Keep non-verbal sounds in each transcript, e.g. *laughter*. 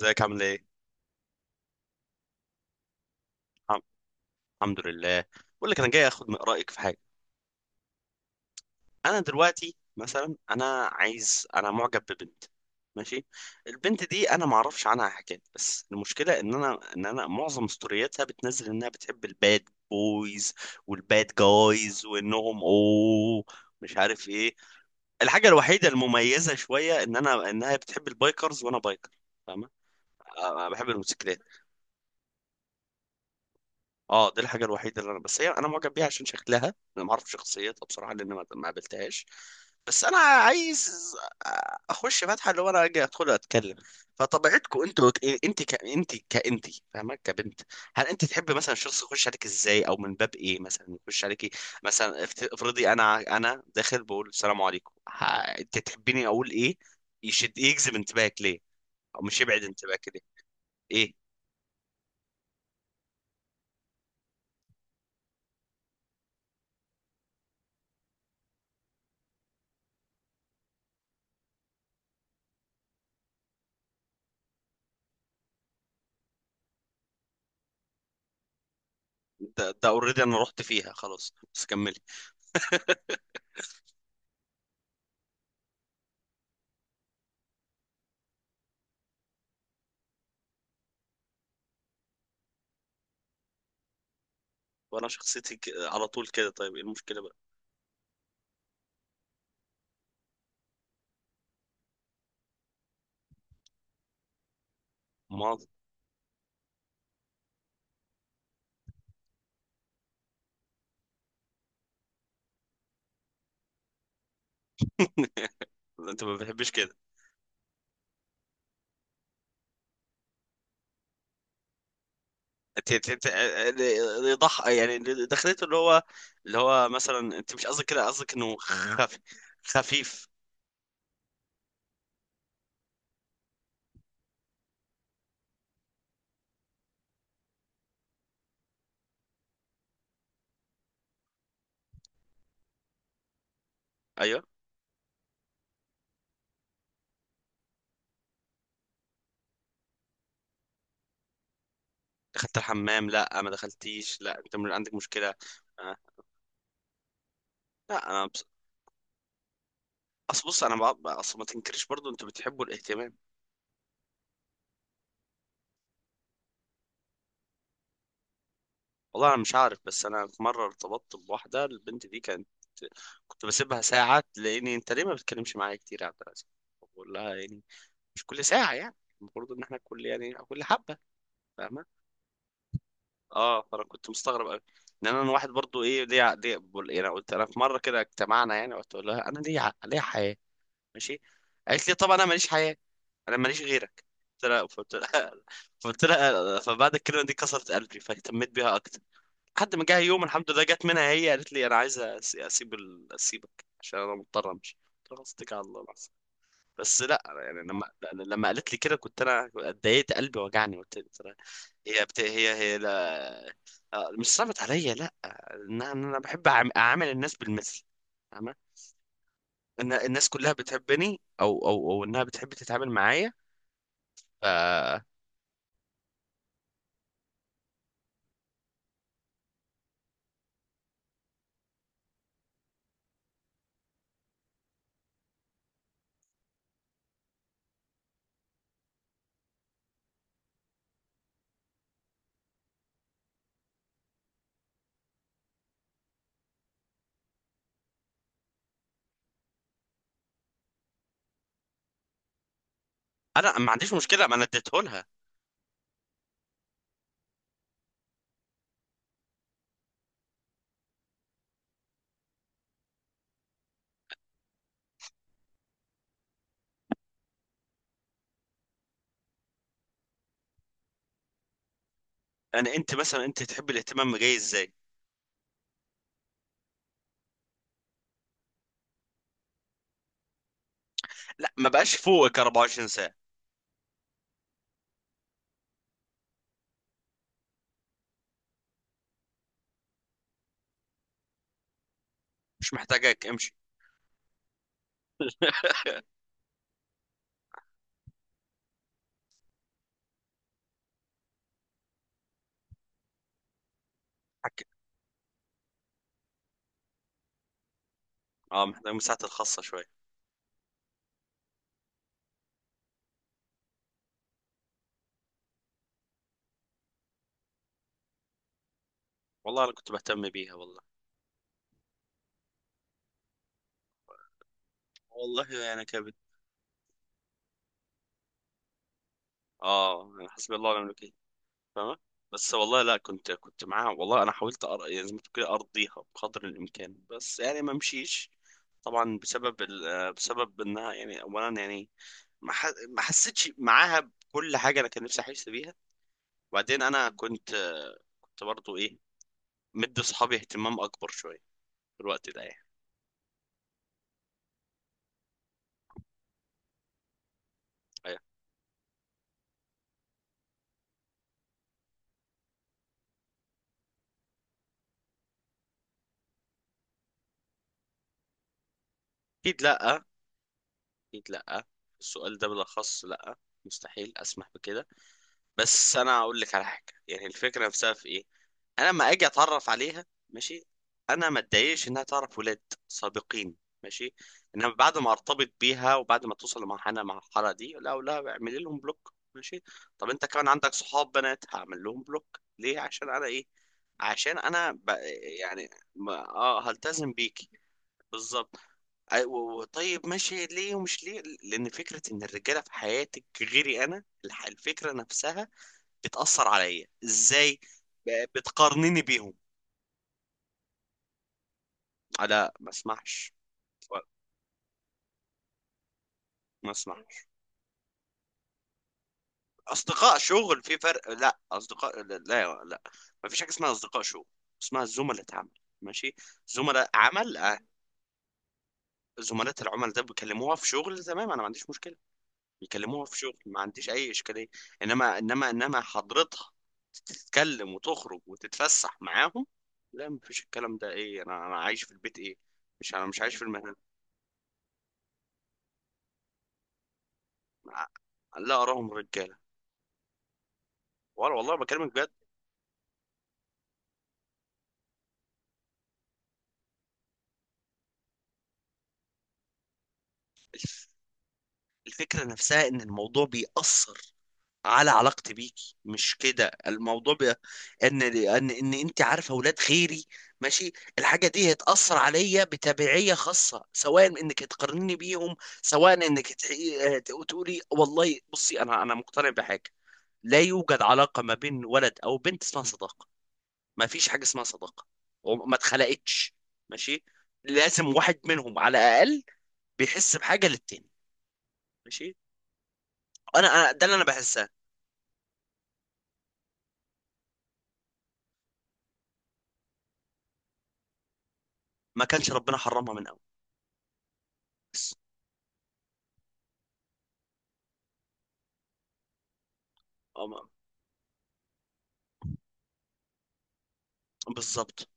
ازيك عامل ايه؟ الحم- الحمد لله. بقول لك انا جاي اخد من رايك في حاجه. انا دلوقتي مثلا انا معجب ببنت. ماشي. البنت دي انا ما اعرفش عنها حاجات، بس المشكله ان انا ان انا معظم ستورياتها بتنزل انها بتحب الباد بويز والباد جايز وانهم مش عارف ايه. الحاجه الوحيده المميزه شويه ان انا انها بتحب البايكرز وانا بايكر، فاهمه. أنا بحب الموتوسيكلات. اه دي الحاجه الوحيده اللي انا بس هي انا معجب بيها عشان شكلها. انا ما اعرف شخصيتها بصراحه لان ما قابلتهاش. بس انا عايز اخش فاتحه اللي هو انا اجي ادخل اتكلم. فطبيعتكم انت كانت فاهمه كبنت، هل انت تحب مثلا الشخص يخش عليك ازاي، او من باب ايه مثلا يخش عليكي؟ مثلا افرضي انا داخل بقول السلام عليكم انت تحبيني اقول ايه؟ يجذب انتباهك ليه، او مش يبعد انتباهك ليه. ايه ده اوريدي انا رحت فيها خلاص، بس كملي. وانا شخصيتي على طول كده، طيب ايه المشكله بقى؟ ما انت ما بتحبش كده. انت اللي ضح يعني اللي دخلته اللي هو اللي هو مثلا انت مش قصدك كده، قصدك انه خفيف. ايوه. دخلت الحمام؟ لا، ما دخلتيش، لا انت من عندك مشكله. آه. لا انا بص. اصل بص انا بع- اصل ما تنكرش برضو انتوا بتحبوا الاهتمام. والله انا مش عارف، بس انا في مره ارتبطت بواحده، البنت دي كانت كنت بسيبها ساعه تلاقيني: انت ليه ما بتكلمش معايا كتير يا عبد العزيز؟ بقول لها يعني مش كل ساعة يعني، المفروض ان احنا كل يعني كل حبة، فاهمة. اه فانا كنت مستغرب قوي ان انا واحد برضو، ايه ليه ليه بقول- يعني قلت انا في مرة كده اجتمعنا يعني قلت لها: انا ليه ليه حياة؟ ماشي. قالت لي: طبعا انا ماليش حياة، انا ماليش غيرك. قلت لها، فقلت لها. *laughs* فقلت لها، فبعد الكلمة دي كسرت قلبي فاهتميت بيها اكتر. لحد ما جه يوم الحمد لله جت منها هي قالت لي: انا عايزة اسيبك عشان انا مضطر امشي. قلت لها: اتكل على الله. بس لا أنا يعني لما قالت لي كده كنت انا اتضايقت، قلبي وجعني، قلت لي ترى. هي بت... هي هي لا، آه، مش صعبت عليا، لا ان انا إن أنا بحب اعامل الناس بالمثل، فاهمة؟ ان الناس كلها بتحبني، او او انها بتحب تتعامل معايا. ف انا ما عنديش مشكله، ما انا اديته لها. يعني انت مثلا انت تحب الاهتمام جاي ازاي؟ لا ما بقاش فوقك 24 ساعه، مش محتاجك، امشي. حك- اه محتاج مساحتي الخاصه شويه. والله انا كنت بهتم بيها والله، والله انا يعني، اه يعني حسبي الله ونعم الوكيل، فاهمة؟ بس والله لا، كنت معاها والله، انا حاولت يعني زي ما تقول كده ارضيها بقدر الامكان، بس يعني ما مشيش. طبعا بسبب ال... آه، بسبب انها يعني اولا يعني ما حسيتش معاها بكل حاجه، انا كان نفسي احس بيها. وبعدين انا كنت، كنت برضو ايه مدي اصحابي اهتمام اكبر شويه في الوقت ده يعني. أيوة. اكيد لا، اكيد لا، السؤال ده بالاخص لا، مستحيل اسمح بكده. بس انا اقول لك على حاجه، يعني الفكره نفسها في ايه، انا لما اجي اتعرف عليها ماشي، انا ما اتضايقش انها تعرف ولاد سابقين. ماشي. انما بعد ما ارتبط بيها وبعد ما توصل لمرحله مع المرحله دي لا لا، اعملي لهم بلوك. ماشي. طب انت كمان عندك صحاب بنات، هعمل لهم بلوك ليه؟ عشان انا ايه؟ عشان انا ب... يعني ما... اه هلتزم بيكي، بالظبط. طيب ماشي، ليه ومش ليه؟ لان فكره ان الرجاله في حياتك غيري انا، الفكره نفسها بتأثر عليا ازاي؟ بتقارنيني بيهم. آه، لا ما اسمعش، ما اسمعش. اصدقاء شغل في فرق، لا اصدقاء لا لا لا. ما فيش حاجه اسمها اصدقاء شغل، اسمها زملاء عمل. ماشي. زملاء عمل. آه. زملاء العمل ده بيكلموها في شغل، تمام، انا ما عنديش مشكله. بيكلموها في شغل ما عنديش اي اشكاليه. انما حضرتها تتكلم وتخرج وتتفسح معاهم، لا ما فيش الكلام ده، ايه؟ انا انا عايش في البيت، ايه؟ مش انا مش عايش في المه. لا أراهم رجالة، ولا والله بكلمك بجد. الف- الفكرة نفسها إن الموضوع بيأثر على علاقتي بيكي، مش كده؟ الموضوع بي. إن أنت عارفة أولاد غيري، ماشي، الحاجة دي هتأثر عليا بتبعية، خاصة سواء إنك تقارني بيهم، سواء إنك تقولي والله بصي، أنا مقتنع بحاجة، لا يوجد علاقة ما بين ولد أو بنت اسمها صداقة. ما فيش حاجه اسمها صداقه، وما اتخلقتش. ماشي. لازم واحد منهم على الاقل بيحس بحاجه للتاني، ماشي. انا ده اللي انا بحسها، ما كانش ربنا حرمها من اول بس. أو ما- بالظبط.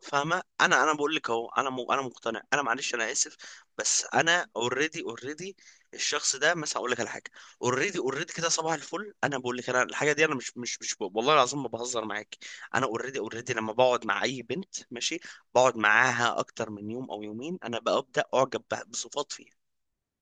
فاهمه، انا بقول لك اهو، انا انا مقتنع، انا معلش انا اسف، بس انا اوريدي الشخص ده مثلا اقول لك على حاجه، اوريدي كده صباح الفل انا بقول لك انا الحاجه دي انا مش والله العظيم ما بهزر معاك. انا اوريدي لما بقعد مع اي بنت ماشي، بقعد معاها اكتر من يوم او يومين انا ببدا اعجب بصفات فيها.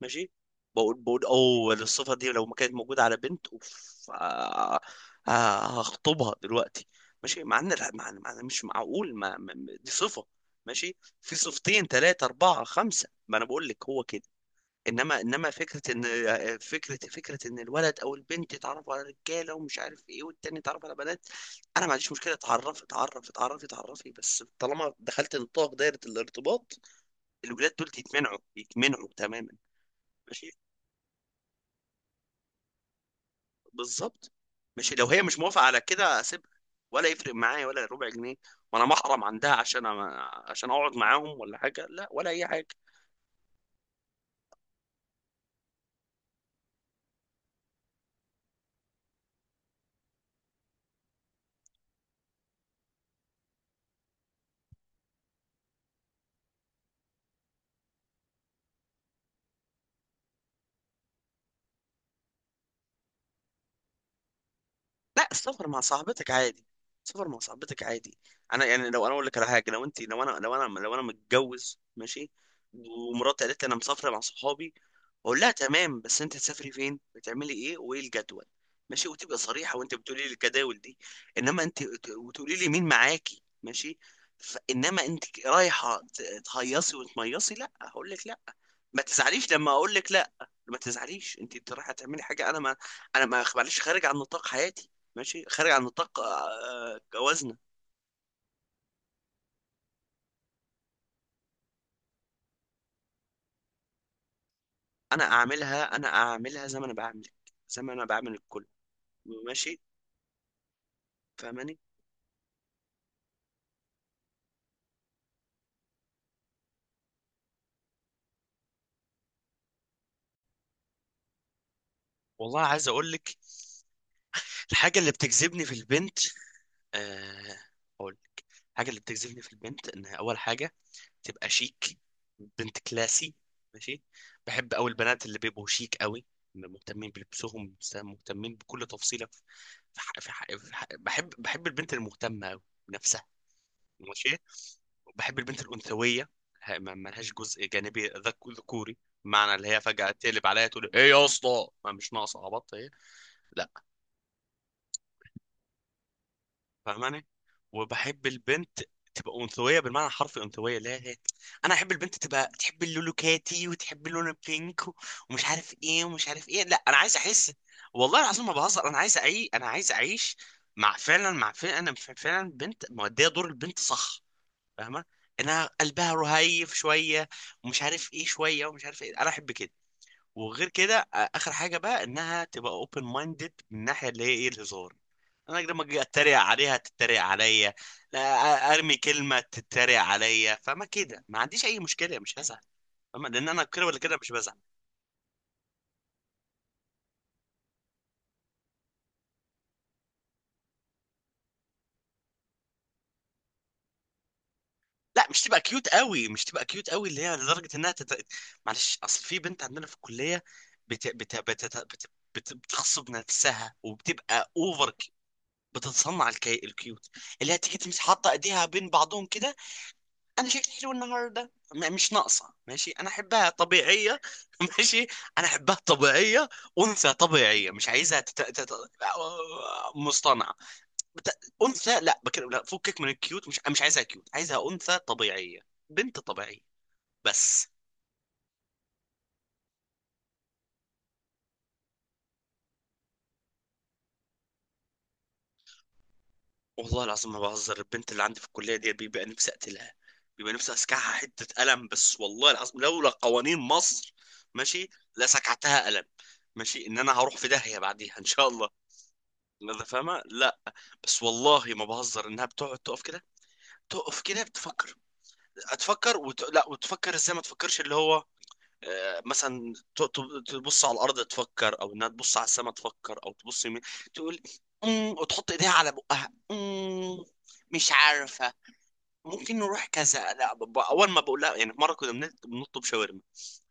ماشي. بقول اوه، الصفة دي لو ما كانت موجودة على بنت اوف، آه، آه، هخطبها دلوقتي. ماشي، مع ان لا، مع مش معقول، دي صفة، ماشي، في صفتين ثلاثة أربعة خمسة، ما أنا بقول لك هو كده. إنما فكرة إن، فكرة فكرة إن الولد أو البنت يتعرفوا على رجالة ومش عارف إيه، والتاني يتعرف على بنات. أنا ما عنديش مشكلة، اتعرف اتعرف اتعرف اتعرفي، بس طالما دخلت نطاق دايرة الارتباط الولاد دول يتمنعوا، يتمنعوا تماما. ماشي، بالظبط. مش لو هي مش موافقه على كده اسيبها، ولا يفرق معايا ولا ربع جنيه، وانا محرم عندها عشان عشان اقعد معاهم، ولا حاجه لا، ولا اي حاجه. لا سافر مع صاحبتك عادي، سافر مع صاحبتك عادي، انا يعني لو انا اقول لك على حاجه، لو انا متجوز ماشي، ومراتي قالت لي انا مسافره مع صحابي، اقول لها تمام بس انت هتسافري فين، بتعملي ايه، وايه الجدول، ماشي، وتبقى صريحه وانت بتقولي لي الجداول دي، انما انت وتقولي لي مين معاكي، ماشي. فانما انت رايحه تهيصي وتميصي لا، هقول لك لا، ما تزعليش لما اقول لك لا، ما تزعليش. انت انت رايحه تعملي حاجه انا ما، انا ما معلش، خارج عن نطاق حياتي، ماشي، خارج عن نطاق، آه، آه، جوازنا. انا اعملها، انا اعملها زي ما انا بعملك، زي ما انا بعمل الكل، ماشي، فاهماني. والله عايز اقول لك الحاجه اللي بتجذبني في البنت، آه، اقول الحاجه اللي بتجذبني في البنت انها اول حاجه تبقى شيك، بنت كلاسي، ماشي. بحب قوي البنات اللي بيبقوا شيك قوي، مهتمين بلبسهم، مهتمين بكل تفصيلة في، في ح... في ح... في ح... بحب بحب البنت المهتمة قوي بنفسها، ماشي. بحب البنت الأنثوية، ما لهاش جزء جانبي ذكوري، معنى اللي هي فجأة تقلب عليا تقول ايه يا اسطى، ما مش ناقصة عبط هي، لا، فاهماني. وبحب البنت تبقى انثويه بالمعنى الحرفي انثويه، لا هي انا احب البنت تبقى تحب اللون كاتي وتحب اللون البينك، و- ومش عارف ايه، ومش عارف ايه، لا انا عايز احس والله العظيم ما بهزر، انا عايز اعيش، انا عايز اعيش مع فعلا، مع فعلا انا فعلا بنت مؤديه دور البنت، صح؟ فاهمه، انها قلبها رهيف شويه ومش عارف ايه شويه ومش عارف ايه، انا احب كده. وغير كده آه، اخر حاجه بقى انها تبقى اوبن مايندد من الناحيه اللي هي ايه الهزار، انا لما اجي اتريق عليها تتريق عليا، لا، آه، ارمي كلمه تتريق عليا، فما كده ما عنديش اي مشكله مش هزعل، فاهمة؟ لان انا كده ولا كده مش بزعل. لا مش تبقى كيوت قوي، مش تبقى كيوت قوي اللي هي لدرجه انها تت، معلش اصل في بنت عندنا في الكليه بت... بت... بت... بت... بتغصب نفسها وبتبقى اوفر، بتتصنع الكيوت، اللي هي تيجي تمسك حاطه ايديها بين بعضهم كده، انا شكلي حلو النهارده، مش ناقصه، ماشي، انا احبها طبيعيه *laughs* ماشي، انا احبها طبيعيه، انثى طبيعيه، مش عايزها مصطنعه، بت، انثى، لا بكلم لا، فكك من الكيوت، مش مش عايزها كيوت، عايزها انثى طبيعيه، بنت طبيعيه. بس والله العظيم ما بهزر، البنت اللي عندي في الكليه دي بيبقى نفسي اقتلها، بيبقى نفسي اسكعها حته قلم، بس والله العظيم لولا قوانين مصر، ماشي، لسكعتها قلم. ماشي، ان انا هروح في داهيه بعديها ان شاء الله، انت فاهمه، لا بس والله ما بهزر، انها بتقعد تقف كده، تقف كده بتفكر، هتفكر لا، وتفكر ازاي؟ ما تفكرش اللي هو آه، مثلا تبص على الارض تفكر، او انها تبص على السماء تفكر، او تبص يمين، تقول امم، وتحط ايديها على بقها امم، مش عارفه. ممكن نروح كذا لا، اول ما بقول لها يعني، مره كنا بنطلب شاورما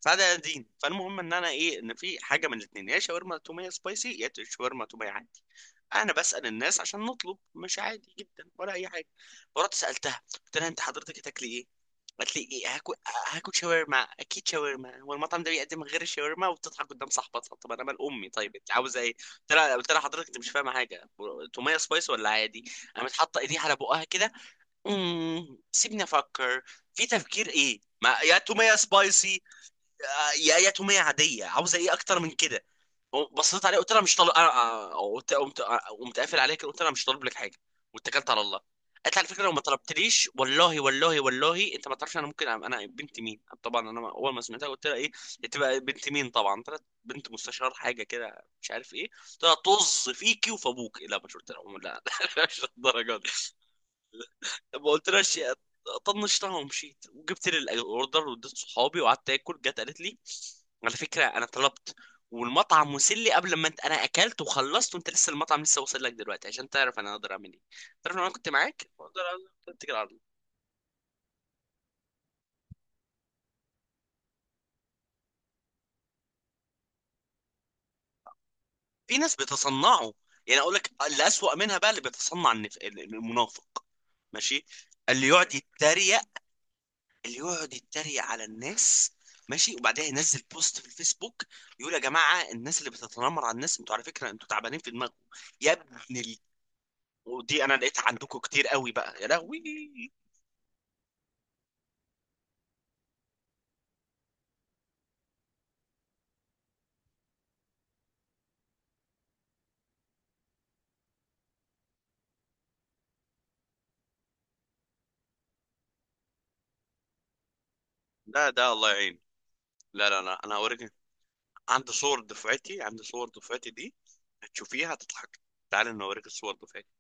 فده دين، فالمهم ان انا ايه، ان في حاجه من الاثنين: يا شاورما توميه سبايسي، يا شاورما توميه عادي، انا بسال الناس عشان نطلب، مش عادي جدا ولا اي حاجه. فرحت سالتها قلت لها: انت حضرتك هتاكلي ايه؟ قالت لي: ايه هاكل، هاكل شاورما اكيد، شاورما، هو المطعم ده بيقدم غير الشاورما؟ وبتضحك قدام صاحبتها. طب انا مال امي، طيب انت عاوزه ايه؟ قلت لها، قلت لها: حضرتك انت مش فاهمه حاجه، توميه سبايس ولا عادي؟ قامت حاطه ايديها على بقها كده، سيبني افكر، في تفكير ايه؟ ما يا توميه سبايسي، آه، يا يا توميه عاديه، عاوزه ايه اكتر من كده؟ بصيت عليه قلت لها: مش طالب انا. أنا- قلت قمت آه، قمت قافل عليها كده قلت لها: مش طالب لك حاجه، واتكلت على الله. قالت لي: على فكره لو ما طلبتليش والله والله والله انت ما تعرفش انا ممكن انا بنت مين. طبعا انا اول ما سمعتها قلت لها: ايه، انت بقى بنت مين؟ طبعا طلعت بنت مستشار حاجه كده مش عارف ايه، قلت لها طز فيكي وفي ابوك، لا ما شفت لها، لا *laughs* مش الدرجه. ما قلتلهاش. طنشتها ومشيت وجبت لي الاوردر واديت صحابي وقعدت اكل، جت قالت لي: على فكره انا طلبت، والمطعم وصل لي قبل ما انت، انا اكلت وخلصت وانت لسه المطعم لسه واصل لك دلوقتي عشان تعرف انا اقدر اعمل ايه، تعرف لو انا كنت معاك اقدر. اتكل على الله. في ناس بيتصنعوا، يعني اقول لك اللي اسوأ منها بقى اللي بيتصنع، المنافق، ماشي، اللي يقعد يتريق، اللي يقعد يتريق على الناس ماشي، وبعدها ينزل بوست في الفيسبوك يقول: يا جماعه الناس اللي بتتنمر على الناس انتوا على فكره انتوا تعبانين في دماغكم، يا ابن ال. ودي انا لقيتها عندكم كتير قوي بقى يا لهوي. لا ده الله يعين. لا لا لا انا اوريك، عندي صور دفعتي، عندي صور دفعتي دي هتشوفيها هتضحك، تعال انا اوريك الصور دفعتي.